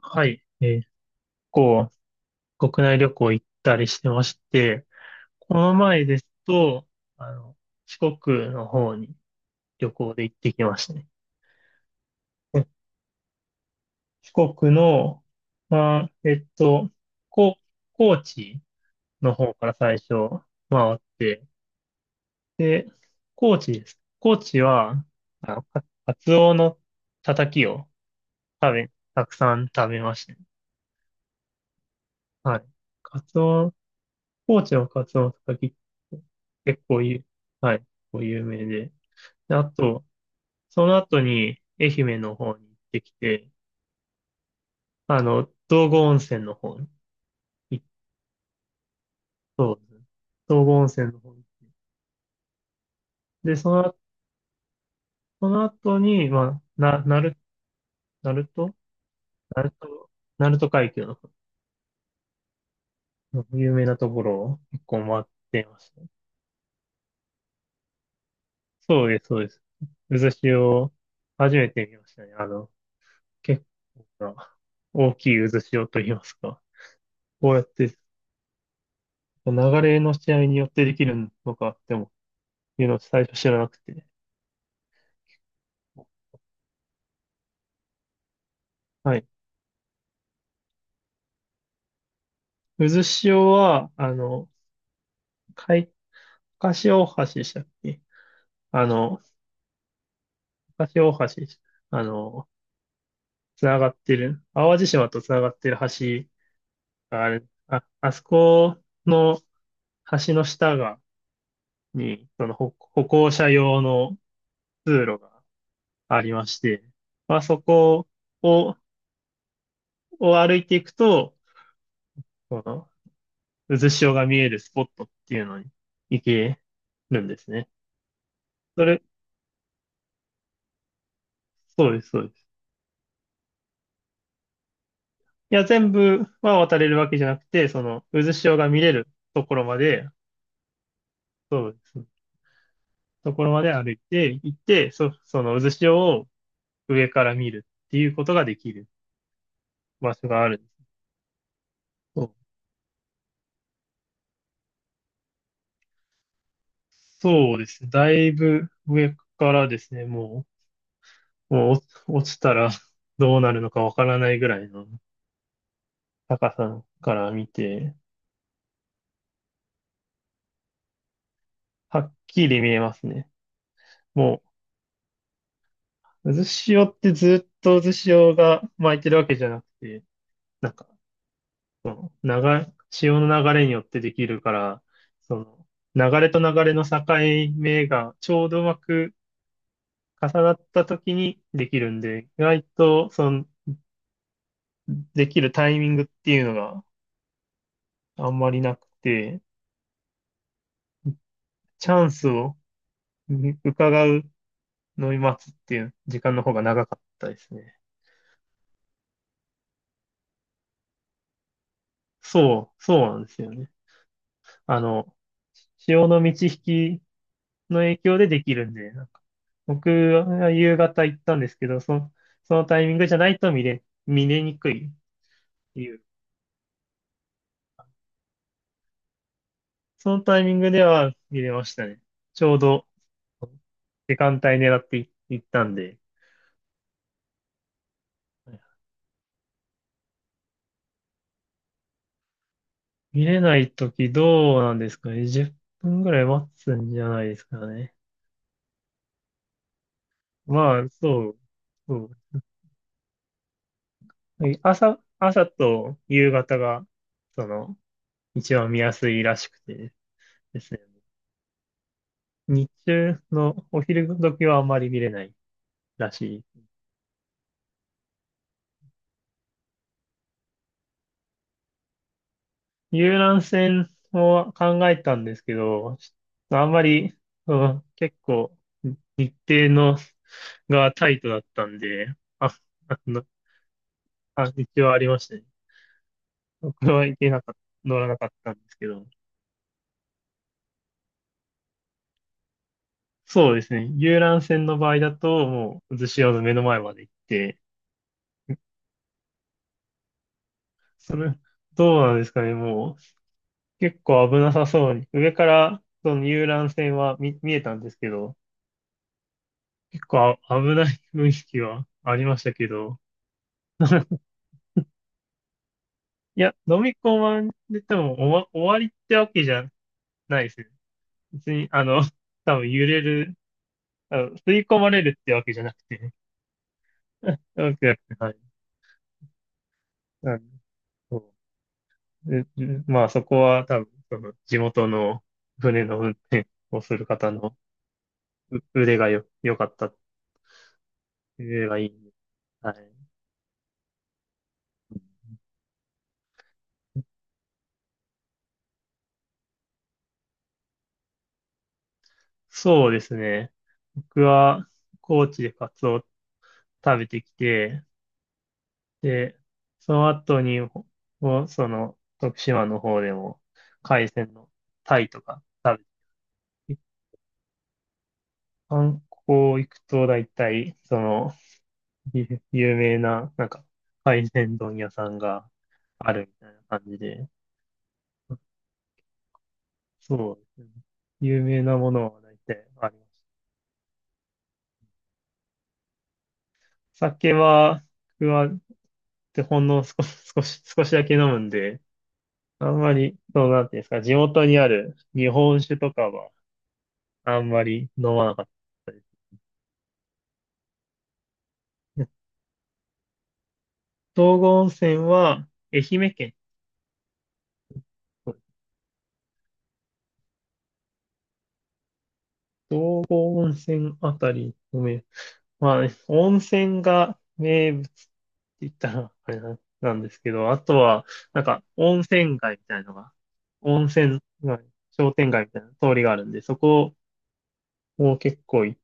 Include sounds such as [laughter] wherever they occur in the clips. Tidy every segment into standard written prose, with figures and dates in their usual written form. はい。こ国内旅行行ったりしてまして、この前ですと、あの、四国の方に旅行で行ってきましたね。え四国の、まあ、こ、高知の方から最初回って、で、高知です。高知は、カツオのたたきをたくさん食べましたね。はい。カツオ高知のカツオのたたきって結構有はい、結構有名で。であと、その後に愛媛の方に行ってきて、道後温泉の方に行っそうですね。道後温泉の方に。で、その後に、まあ、な、なる、鳴門鳴門、鳴門海峡の方の有名なところを結構回ってましたね。そうです、そうです。渦潮、初めて見ましたね。結構な大きい渦潮と言いますか。こうやって、流れの試合によってできるのかっても、いうのを最初知らなくて。はい。渦潮は、海、かし大橋でしたっけ？あの、かし大橋、あの、つながってる、淡路島とつながってる橋がある、あそこの橋のに、その歩行者用の通路がありまして、まあそこを、を歩いていくと、その渦潮が見えるスポットっていうのに行けるんですね。それ、そうです、そうです。いや、全部は渡れるわけじゃなくて、その渦潮が見れるところまで、そうです。ところまで歩いて行って、その渦潮を上から見るっていうことができる場所があるんです。そうそうですね。だいぶ上からですね、もう落ちたら [laughs] どうなるのかわからないぐらいの高さから見て、はっきり見えますね。もう渦潮ってずっと渦潮が巻いてるわけじゃなくて、なんか、潮の流れによってできるから、そ流れと流れの境目がちょうどうまく重なった時にできるんで、意外と、できるタイミングっていうのがあんまりなくて、チャンスをう伺うのを待つっていう時間の方が長かったですね。そうなんですよね。あの、潮の満ち引きの影響でできるんで、なんか僕は夕方行ったんですけど、そのタイミングじゃないと見れにくいっていう、そのタイミングでは見れましたね。ちょうど時間帯狙って行ったんで。見れないときどうなんですかね。10分ぐらい待つんじゃないですかね。まあ、そう、そう。はい。朝と夕方が、その、一番見やすいらしくてですね。日中のお昼時はあんまり見れないだし、遊覧船を考えたんですけど、あんまり、うん、結構日程のがタイトだったんで、あ、あの、一応ありましたね。僕は行けなかった、乗らなかったんですけど、そうですね。遊覧船の場合だと、もう、渦潮の目の前まで行って、それ、どうなんですかね、もう、結構危なさそうに、上から、その遊覧船は見えたんですけど、結構危ない雰囲気はありましたけど、[laughs] いや、飲み込まれても終わりってわけじゃないですね。別に、[laughs] 多分揺れる、吸い込まれるってわけじゃなくて、[laughs] わけじゃなくて、はい。なんでそうでまあ、そこは多分、地元の船の運転をする方のう腕がよ、良かった、腕がいいんで。はい。そうですね。僕は、高知でカツオを食べてきて、で、その後に、ほほその、徳島の方でも、海鮮のタイとか食べて、観光行くと大体、有名な、なんか、海鮮丼屋さんがあるみたいな感じで、そうですね。有名なものは大体あります。酒は、僕は、ほんの少しだけ飲むんで、あんまり、そうなんていうんですか、地元にある日本酒とかは、あんまり飲まなかった。道後温泉は、愛媛県。道後温泉あたりのまあね、温泉が名物って言ったら、あれな、なんですけど、あとは、なんか、温泉街、商店街みたいな通りがあるんで、そこも結構い、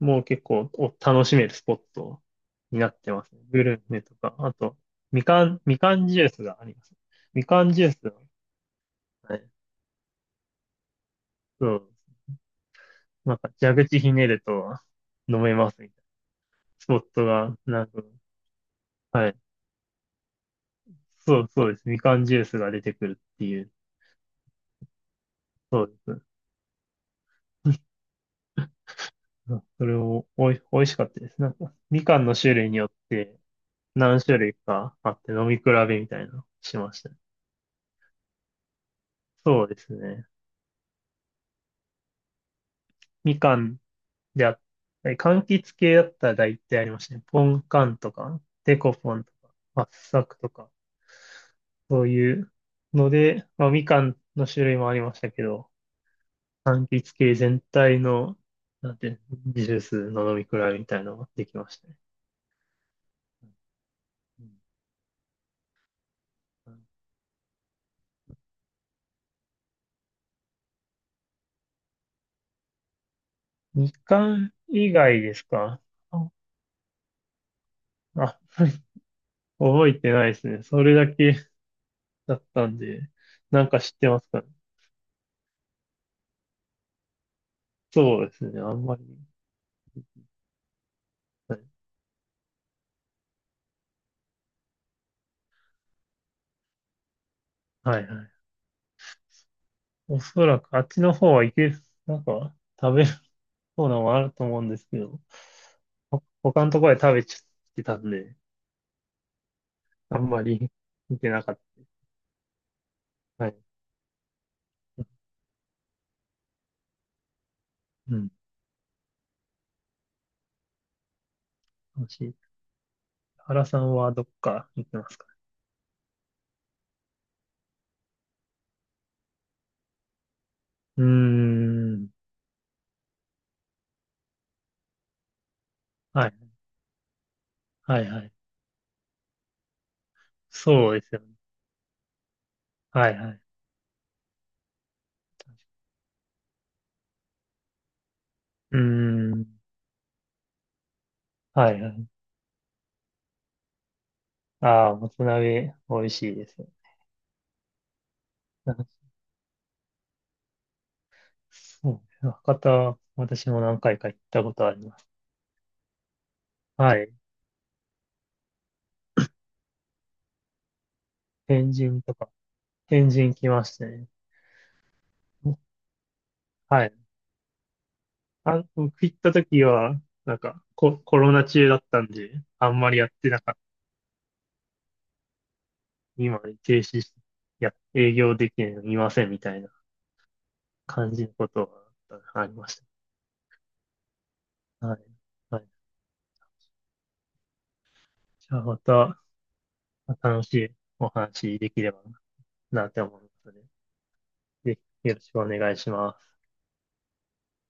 もう結構楽しめるスポットになってますね。グルメとか、あと、みかんジュースがあります。みかんジュースの、はい、そう、なんか蛇口ひねると飲めますみたいな。スポットが、なんか、はい。そうです。みかんジュースが出てくるっていう。そうです。[laughs] うん、それを美味しかったです。なんか、みかんの種類によって何種類かあって飲み比べみたいなのしましたね。そうですね。みかんであったり、柑橘系だったら大体ありましたね。ポンカンとか、デコポンとか、圧搾とか、そういうので、まあ、みかんの種類もありましたけど、柑橘系全体の、なんて、ジュースの飲み比べみたいなのができましたね。うん。みかん以外ですかあ、あ [laughs] 覚えてないですね。それだけだったんで、なんか知ってますかね。そうですね。あんまり。はいはいはい。おそらくあっちの方はなんか食べるそうなのもあると思うんですけど、他のところで食べちゃってたんで、あんまり見てなかった。はい。うん。楽しい。原さんはどっか行ってますか？うーん。はい。はい、はい。そうですよね。はい、はい。うーん。はい、はい。ああ、もつ鍋、美味しいですよ。なんかそうね、博多、私も何回か行ったことあります。はい。天神とか、天神来ましたね。はい。僕行った時は、なんかコロナ中だったんで、あんまりやってなかった。今、停止して、いや、営業できないの見ませんみたいな感じることがありました。はい。はい。じゃあまた楽しいお話できればなって思いますので、ぜひよろしくお願いします。